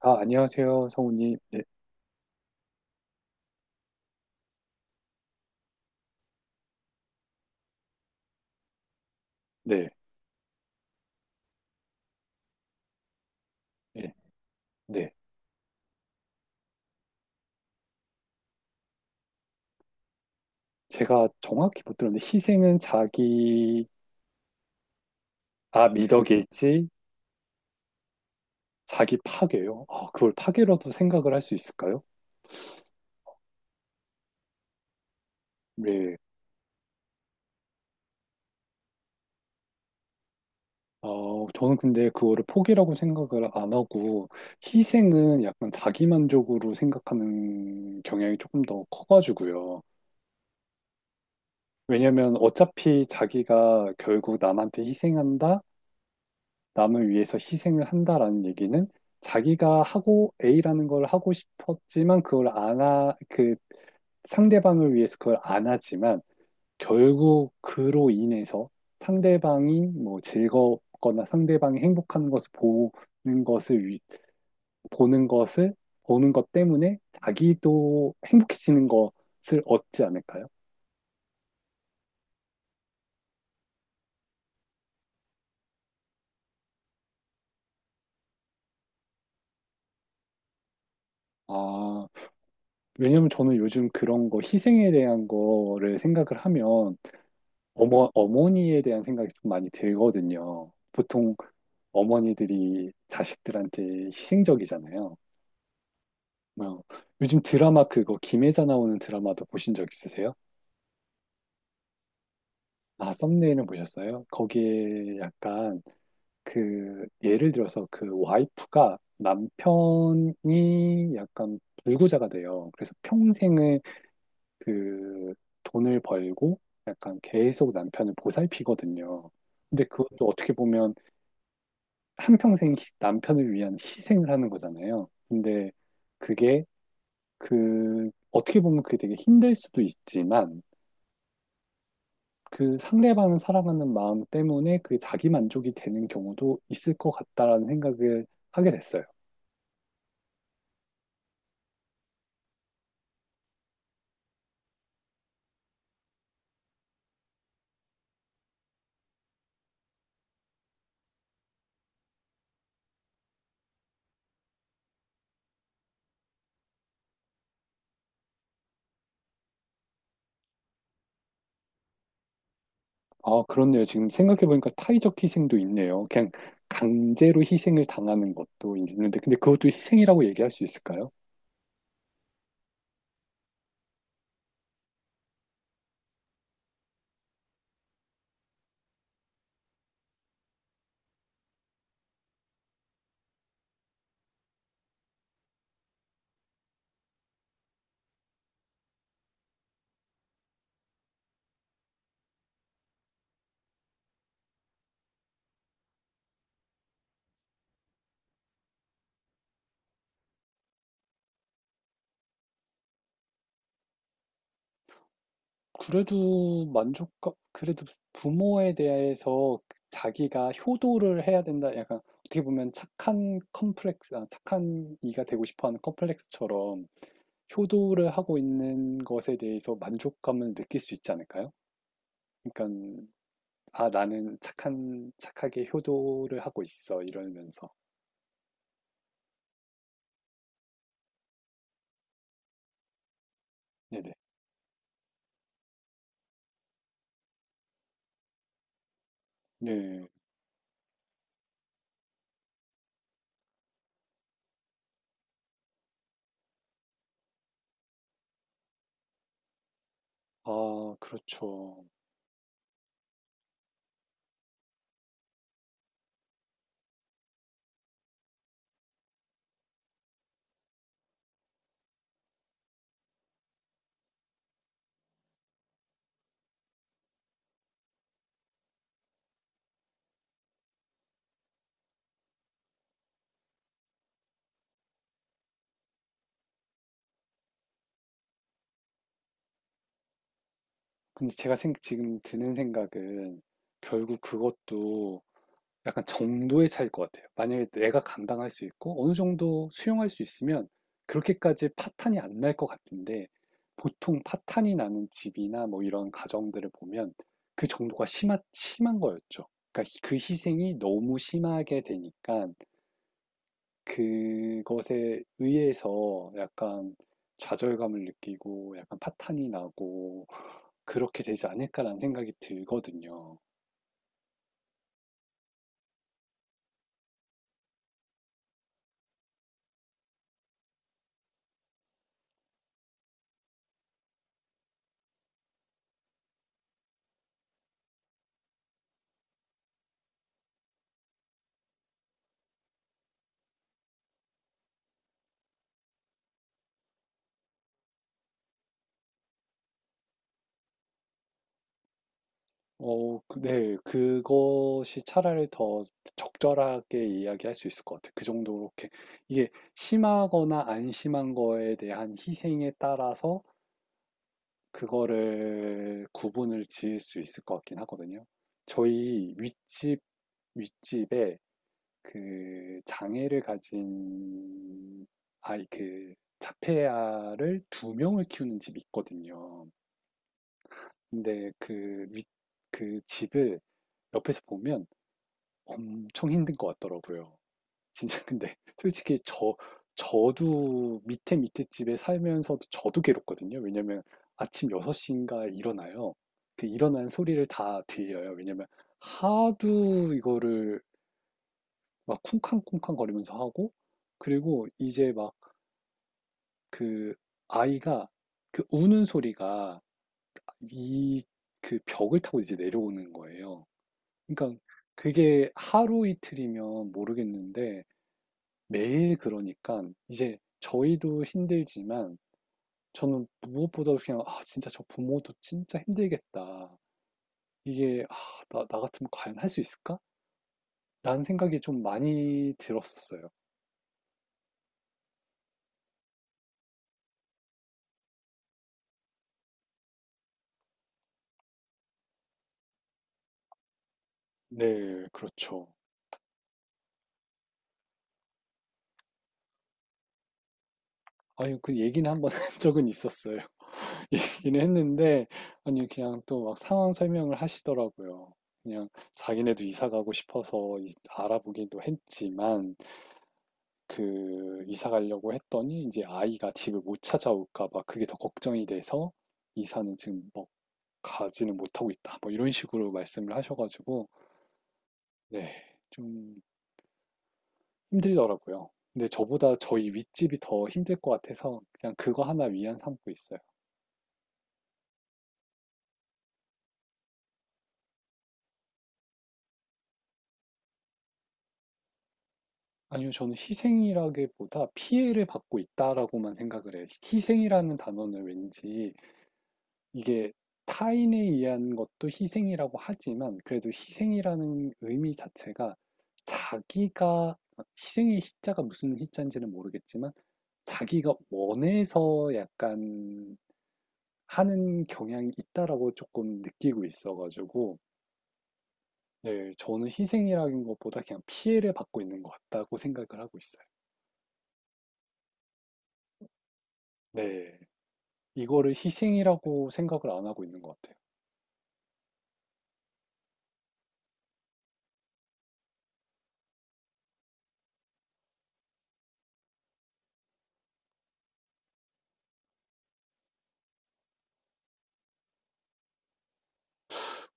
아, 안녕하세요, 성우님. 네, 네, 네. 네. 제가 정확히 못 들었는데, 희생은 자기, 아, 미덕일지, 자기 파괴요. 아, 그걸 파괴라도 생각을 할 수 있을까요? 네. 저는 근데 그거를 포기라고 생각을 안 하고, 희생은 약간 자기만족으로 생각하는 경향이 조금 더 커가지고요. 왜냐면 어차피 자기가 결국 남한테 희생한다? 남을 위해서 희생을 한다라는 얘기는 자기가 하고 A라는 걸 하고 싶었지만 그걸 안 하, 그 상대방을 위해서 그걸 안 하지만 결국 그로 인해서 상대방이 뭐 즐겁거나 상대방이 행복한 것을 보는 것을 위- 보는 것을 보는 것 때문에 자기도 행복해지는 것을 얻지 않을까요? 아, 왜냐면 저는 요즘 그런 거 희생에 대한 거를 생각을 하면 어머니에 대한 생각이 좀 많이 들거든요. 보통 어머니들이 자식들한테 희생적이잖아요. 뭐, 요즘 드라마 그거 김혜자 나오는 드라마도 보신 적 있으세요? 아, 썸네일은 보셨어요? 거기에 약간 그 예를 들어서 그 와이프가 남편이 약간 불구자가 돼요. 그래서 평생을 그 돈을 벌고 약간 계속 남편을 보살피거든요. 근데 그것도 어떻게 보면 한평생 남편을 위한 희생을 하는 거잖아요. 근데 그게 그 어떻게 보면 그게 되게 힘들 수도 있지만 그 상대방을 사랑하는 마음 때문에 그게 자기 만족이 되는 경우도 있을 것 같다라는 생각을 하게 됐어요. 아, 그렇네요. 지금 생각해보니까 타의적 희생도 있네요. 그냥 강제로 희생을 당하는 것도 있는데, 근데 그것도 희생이라고 얘기할 수 있을까요? 그래도 만족감, 그래도 부모에 대해서 자기가 효도를 해야 된다. 약간 어떻게 보면 착한 컴플렉스, 아, 착한 이가 되고 싶어 하는 컴플렉스처럼 효도를 하고 있는 것에 대해서 만족감을 느낄 수 있지 않을까요? 그러니까, 아, 나는 착하게 효도를 하고 있어. 이러면서. 네네. 네. 아, 그렇죠. 근데 지금 드는 생각은 결국 그것도 약간 정도의 차이일 것 같아요. 만약에 내가 감당할 수 있고 어느 정도 수용할 수 있으면 그렇게까지 파탄이 안 날 것 같은데 보통 파탄이 나는 집이나 뭐 이런 가정들을 보면 그 정도가 심한 거였죠. 그러니까 그 희생이 너무 심하게 되니까 그것에 의해서 약간 좌절감을 느끼고 약간 파탄이 나고 그렇게 되지 않을까라는 생각이 들거든요. 네. 그것이 차라리 더 적절하게 이야기할 수 있을 것 같아요. 그 정도로 이렇게 이게 심하거나 안 심한 거에 대한 희생에 따라서 그거를 구분을 지을 수 있을 것 같긴 하거든요. 저희 윗집 윗집에 그 장애를 가진 아이 그 자폐아를 두 명을 키우는 집이 있거든요. 근데 그 윗, 그 집을 옆에서 보면 엄청 힘든 것 같더라고요. 진짜 근데 솔직히 저도 밑에 집에 살면서도 저도 괴롭거든요. 왜냐면 아침 6시인가 일어나요. 그 일어난 소리를 다 들려요. 왜냐면 하도 이거를 막 쿵쾅쿵쾅 거리면서 하고 그리고 이제 막 그 아이가 그 우는 소리가 이 그 벽을 타고 이제 내려오는 거예요. 그러니까 그게 하루 이틀이면 모르겠는데 매일 그러니까 이제 저희도 힘들지만 저는 무엇보다도 그냥 아 진짜 저 부모도 진짜 힘들겠다. 이게 아, 나 같으면 과연 할 수 있을까? 라는 생각이 좀 많이 들었었어요. 네, 그렇죠. 아니, 그 얘기는 한번 한 적은 있었어요. 얘기는 했는데, 아니, 그냥 또 막 상황 설명을 하시더라고요. 그냥 자기네도 이사 가고 싶어서 알아보기도 했지만, 그 이사 가려고 했더니 이제 아이가 집을 못 찾아올까 봐 그게 더 걱정이 돼서 이사는 지금 뭐 가지는 못하고 있다. 뭐 이런 식으로 말씀을 하셔가지고 네, 좀 힘들더라고요. 근데 저보다 저희 윗집이 더 힘들 것 같아서 그냥 그거 하나 위안 삼고 있어요. 아니요, 저는 희생이라기보다 피해를 받고 있다라고만 생각을 해요. 희생이라는 단어는 왠지 이게 타인에 의한 것도 희생이라고 하지만 그래도 희생이라는 의미 자체가 자기가 희생의 희자가 무슨 희자인지는 모르겠지만 자기가 원해서 약간 하는 경향이 있다라고 조금 느끼고 있어가지고 네, 저는 희생이라는 것보다 그냥 피해를 받고 있는 것 같다고 생각을 하고 있어요. 네, 이거를 희생이라고 생각을 안 하고 있는 것 같아요.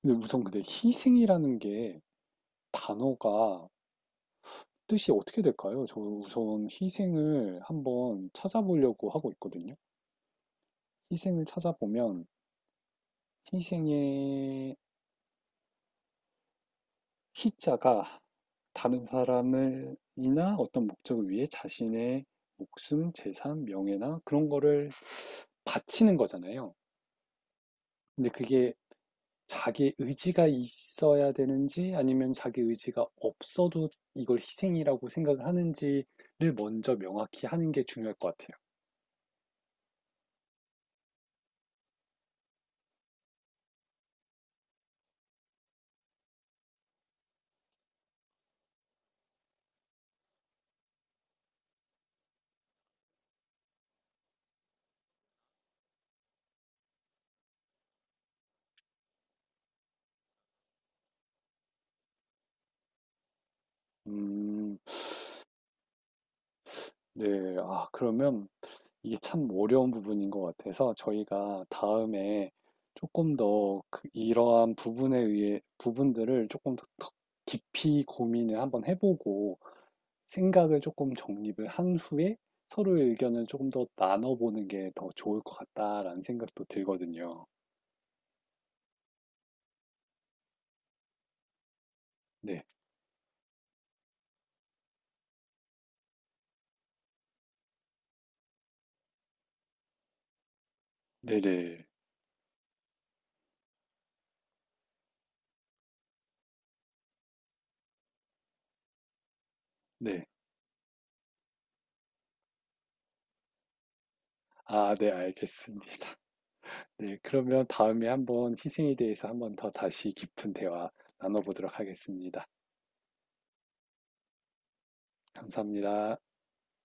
근데 우선 근데 희생이라는 게 단어가 뜻이 어떻게 될까요? 저 우선 희생을 한번 찾아보려고 하고 있거든요. 희생을 찾아보면 희생의 희자가 다른 사람을 이나 어떤 목적을 위해 자신의 목숨, 재산, 명예나 그런 거를 바치는 거잖아요. 근데 그게 자기 의지가 있어야 되는지 아니면 자기 의지가 없어도 이걸 희생이라고 생각을 하는지를 먼저 명확히 하는 게 중요할 것 같아요. 음, 네, 아, 그러면 이게 참 어려운 부분인 것 같아서 저희가 다음에 이러한 부분에 의해 부분들을 더 깊이 고민을 한번 해보고 생각을 조금 정립을 한 후에 서로의 의견을 조금 더 나눠보는 게 더 좋을 것 같다라는 생각도 들거든요. 네, 네네, 네. 아, 네, 알겠습니다. 네, 그러면 다음에 한번 희생에 대해서 한번 더 다시 깊은 대화 나눠보도록 하겠습니다. 감사합니다.